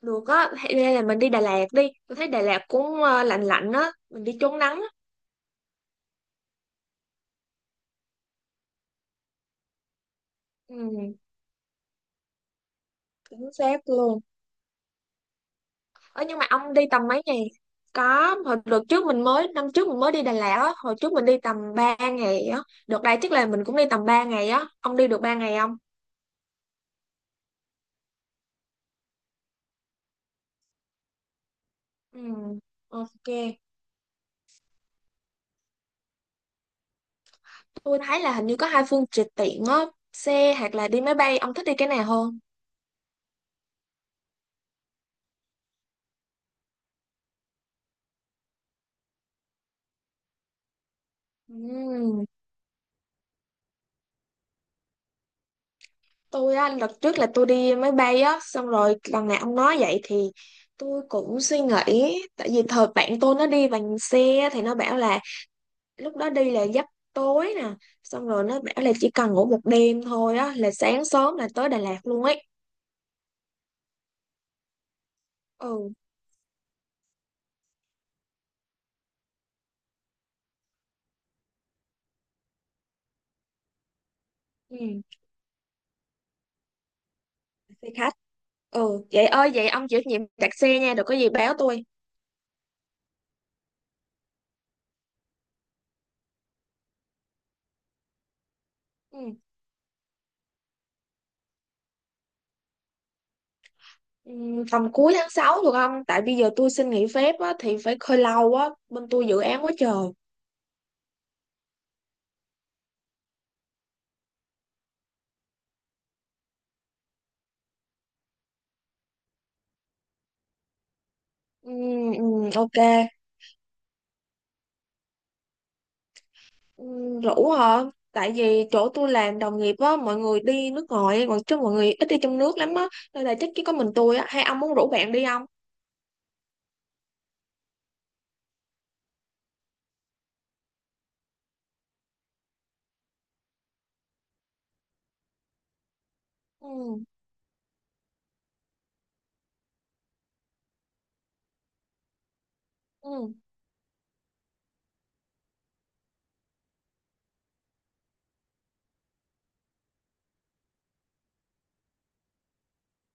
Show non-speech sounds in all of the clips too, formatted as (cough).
Được á, hay hay là mình đi Đà Lạt đi. Tôi thấy Đà Lạt cũng lạnh lạnh á, mình đi trốn nắng á. Ừ, chính xác luôn. Ờ, nhưng mà ông đi tầm mấy ngày? Có, hồi đợt trước năm trước mình mới đi Đà Lạt á, hồi trước mình đi tầm 3 ngày á. Đợt đây chắc là mình cũng đi tầm 3 ngày á. Ông đi được 3 ngày không? Ừ, ok. Tôi thấy là hình như có hai phương tiện tiện á, xe hoặc là đi máy bay, ông thích đi cái nào hơn? Ừ. Tôi á, lần trước là tôi đi máy bay á, xong rồi lần nào ông nói vậy thì tôi cũng suy nghĩ, tại vì thời bạn tôi nó đi bằng xe thì nó bảo là lúc đó đi là giấc tối nè, xong rồi nó bảo là chỉ cần ngủ một đêm thôi á là sáng sớm là tới Đà Lạt luôn ấy. Ừ. Ừ, xe khách. Ừ, vậy ơi vậy ông chịu trách nhiệm đặt xe nha, đừng có gì báo tôi. Ừ. Ừ, tầm cuối tháng 6 được không, tại bây giờ tôi xin nghỉ phép á thì phải hơi lâu á, bên tôi dự án quá trời. Ừ, ừ, ok. Ừ, rủ hả, tại vì chỗ tôi làm đồng nghiệp á, mọi người đi nước ngoài còn chứ mọi người ít đi trong nước lắm á, nên là chắc chỉ có mình tôi á, hay ông muốn rủ bạn đi không. Ừ. Ừ.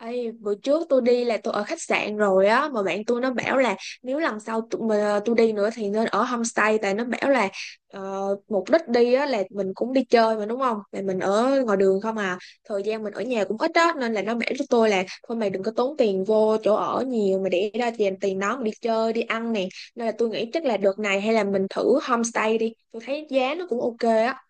Ê, bữa trước tôi đi là tôi ở khách sạn rồi á, mà bạn tôi nó bảo là nếu lần sau tụi mà tôi đi nữa thì nên ở homestay, tại nó bảo là mục đích đi á là mình cũng đi chơi mà đúng không, là mình ở ngoài đường không à, thời gian mình ở nhà cũng ít á, nên là nó bảo cho tôi là thôi mày đừng có tốn tiền vô chỗ ở nhiều, mà để ra tiền tiền đó mà đi chơi đi ăn nè, nên là tôi nghĩ chắc là đợt này hay là mình thử homestay đi, tôi thấy giá nó cũng ok á.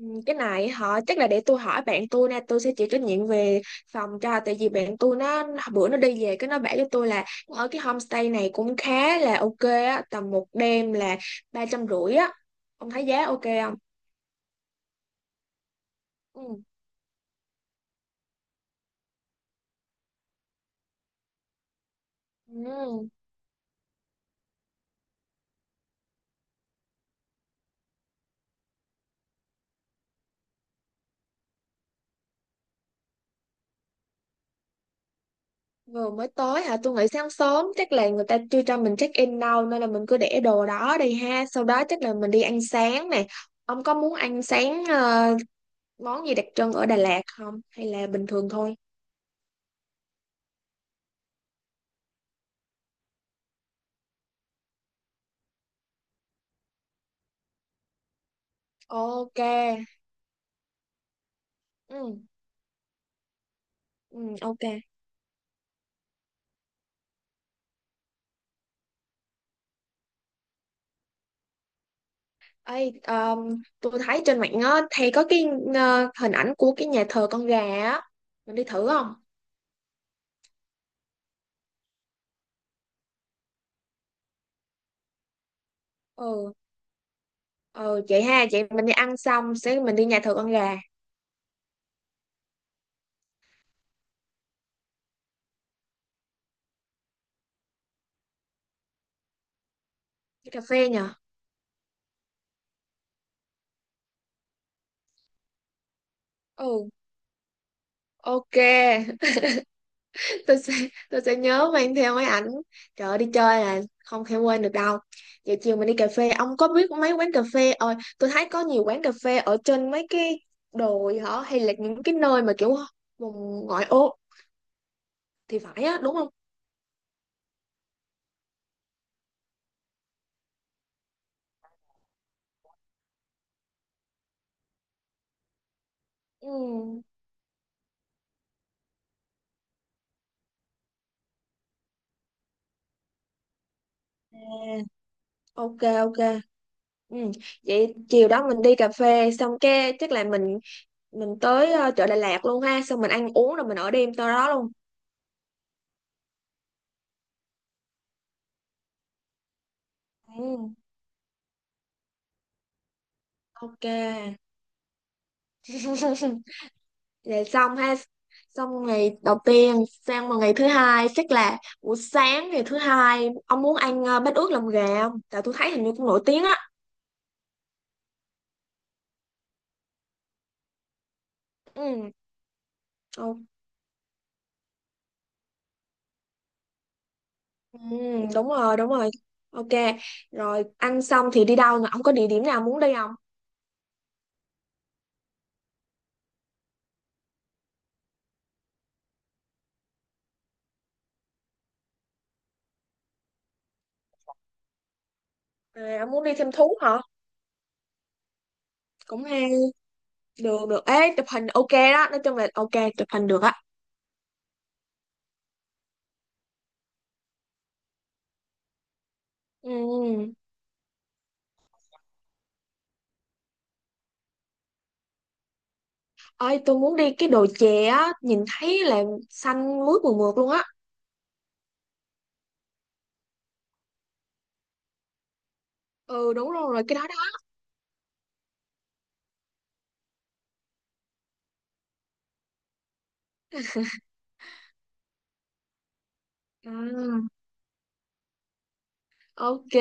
Ừ, cái này họ chắc là để tôi hỏi bạn tôi nè, tôi sẽ chịu trách nhiệm về phòng cho, tại vì bạn tôi nó bữa nó đi về cái nó bảo cho tôi là ở cái homestay này cũng khá là ok á, tầm một đêm là 350 á. Ông thấy giá ok không. Ừ. Ừ. Vừa mới tới hả, tôi nghĩ sáng sớm chắc là người ta chưa cho mình check in đâu, nên là mình cứ để đồ đó đi ha, sau đó chắc là mình đi ăn sáng nè. Ông có muốn ăn sáng món gì đặc trưng ở Đà Lạt không hay là bình thường thôi. Ok. Ừ. Ừ, ok. Ê, tôi thấy trên mạng á, thì có cái hình ảnh của cái nhà thờ con gà á. Mình đi thử không? Ừ. Ừ, vậy ha, chị mình đi ăn xong sẽ mình đi nhà thờ con gà. Đi cà phê nhờ? Ừ, ok. (laughs) Tôi sẽ tôi sẽ nhớ mang theo máy ảnh. Trời ơi, đi chơi là không thể quên được đâu. Vậy chiều mình đi cà phê, ông có biết mấy quán cà phê? Ờ, tôi thấy có nhiều quán cà phê ở trên mấy cái đồi hả? Hay là những cái nơi mà kiểu vùng ngoại ô thì phải á, đúng không? Ừ. À, ok, ok, ừ. Vậy chiều đó mình đi cà phê xong cái chắc là mình tới chợ Đà Lạt luôn ha, xong mình ăn uống rồi mình ở đêm tới đó luôn. Ừ. Ok. (laughs) Vậy xong ha, xong ngày đầu tiên sang vào ngày thứ hai, chắc là buổi sáng ngày thứ hai ông muốn ăn bát ướt lòng gà không, tại tôi thấy hình như cũng nổi tiếng á. Ừ. Ok. Ừ, đúng rồi đúng rồi, ok. Rồi ăn xong thì đi đâu nè, ông có địa điểm nào muốn đi không. À, ông muốn đi thêm thú hả. Cũng hay, được được ấy, chụp hình ok đó, nói chung là ok, chụp hình được á. Ừ. Ơi tôi muốn đi cái đồi chè á, nhìn thấy là xanh mướt mượt mượt luôn á. Ừ, đúng rồi rồi, cái đó đó. Ừ, ok.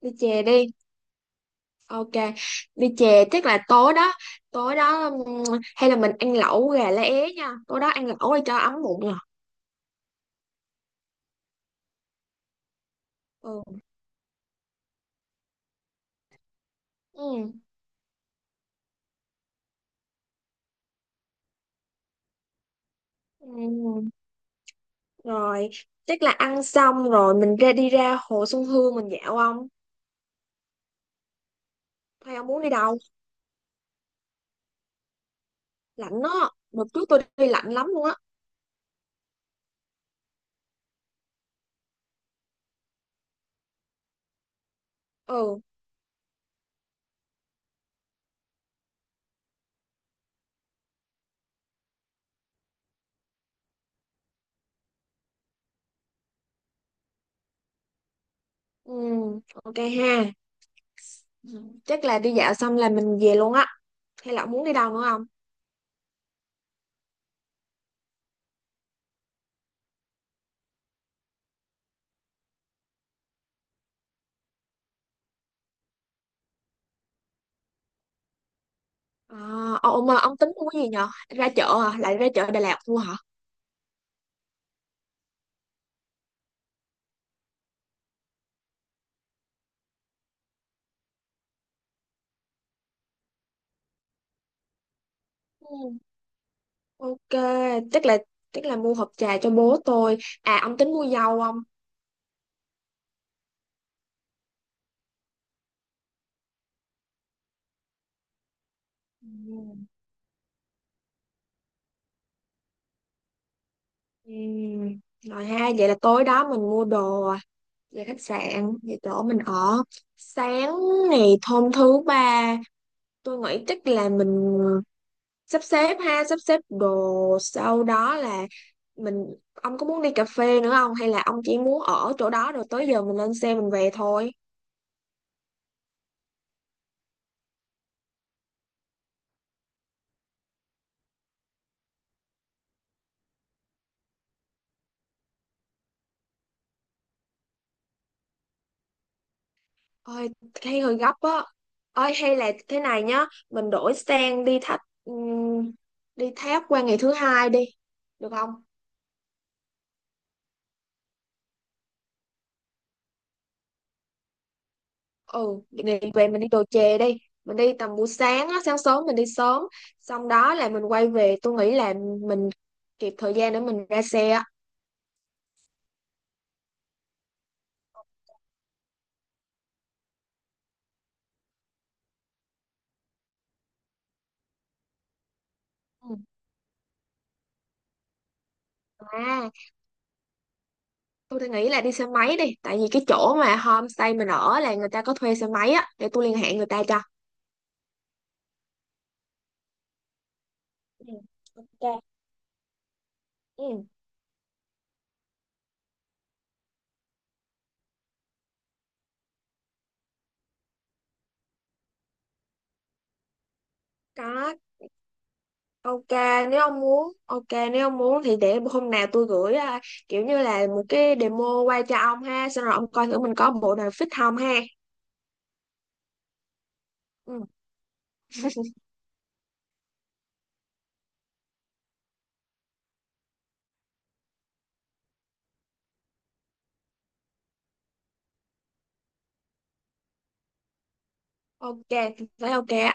Đi chè đi. Ok, đi chè chắc là tối đó hay là mình ăn lẩu gà lá é nha, tối đó ăn lẩu để cho ấm bụng nè. Ừ. Ừ. Ừ. Rồi chắc là ăn xong rồi mình ra đi ra hồ Xuân Hương mình dạo không, hay ông muốn đi đâu. Lạnh đó, đợt trước tôi đi lạnh lắm luôn á. Ừ. Ừ, ok ha, chắc là đi dạo xong là mình về luôn á, hay là ông muốn đi đâu nữa không. À, ông tính mua cái gì nhở, ra chợ à, lại ra chợ Đà Lạt mua hả. Ừ. Ok, chắc là chắc là mua hộp trà cho bố tôi, à ông tính mua dâu không. Ừ. Ừ. Rồi ha, vậy là tối đó mình mua đồ, về khách sạn về chỗ mình ở. Sáng ngày hôm thứ ba tôi nghĩ chắc là mình sắp xếp ha, sắp xếp đồ, sau đó là mình, ông có muốn đi cà phê nữa không, hay là ông chỉ muốn ở chỗ đó rồi tới giờ mình lên xe mình về thôi. Ôi thấy hơi gấp á, ôi hay là thế này nhá, mình đổi sang đi thách đi tháp qua ngày thứ hai đi được không. Ừ, ngày về mình đi đồ chè đi, mình đi tầm buổi sáng á, sáng sớm mình đi sớm, xong đó là mình quay về, tôi nghĩ là mình kịp thời gian để mình ra xe á. Ừ. À, tôi đang nghĩ là đi xe máy đi, tại vì cái chỗ mà homestay mình ở là người ta có thuê xe máy á, để tôi liên hệ người ta cho. Ừ, ok. Ừ. Có, ok, nếu ông muốn, ok, nếu ông muốn thì để hôm nào tôi gửi à, kiểu như là một cái demo qua cho ông ha, xong rồi ông coi thử mình có bộ nào fit không ha. Ừ. Ok, thấy ok á.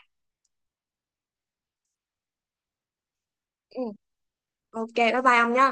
Ừ. Ok, bye bye ông nhé.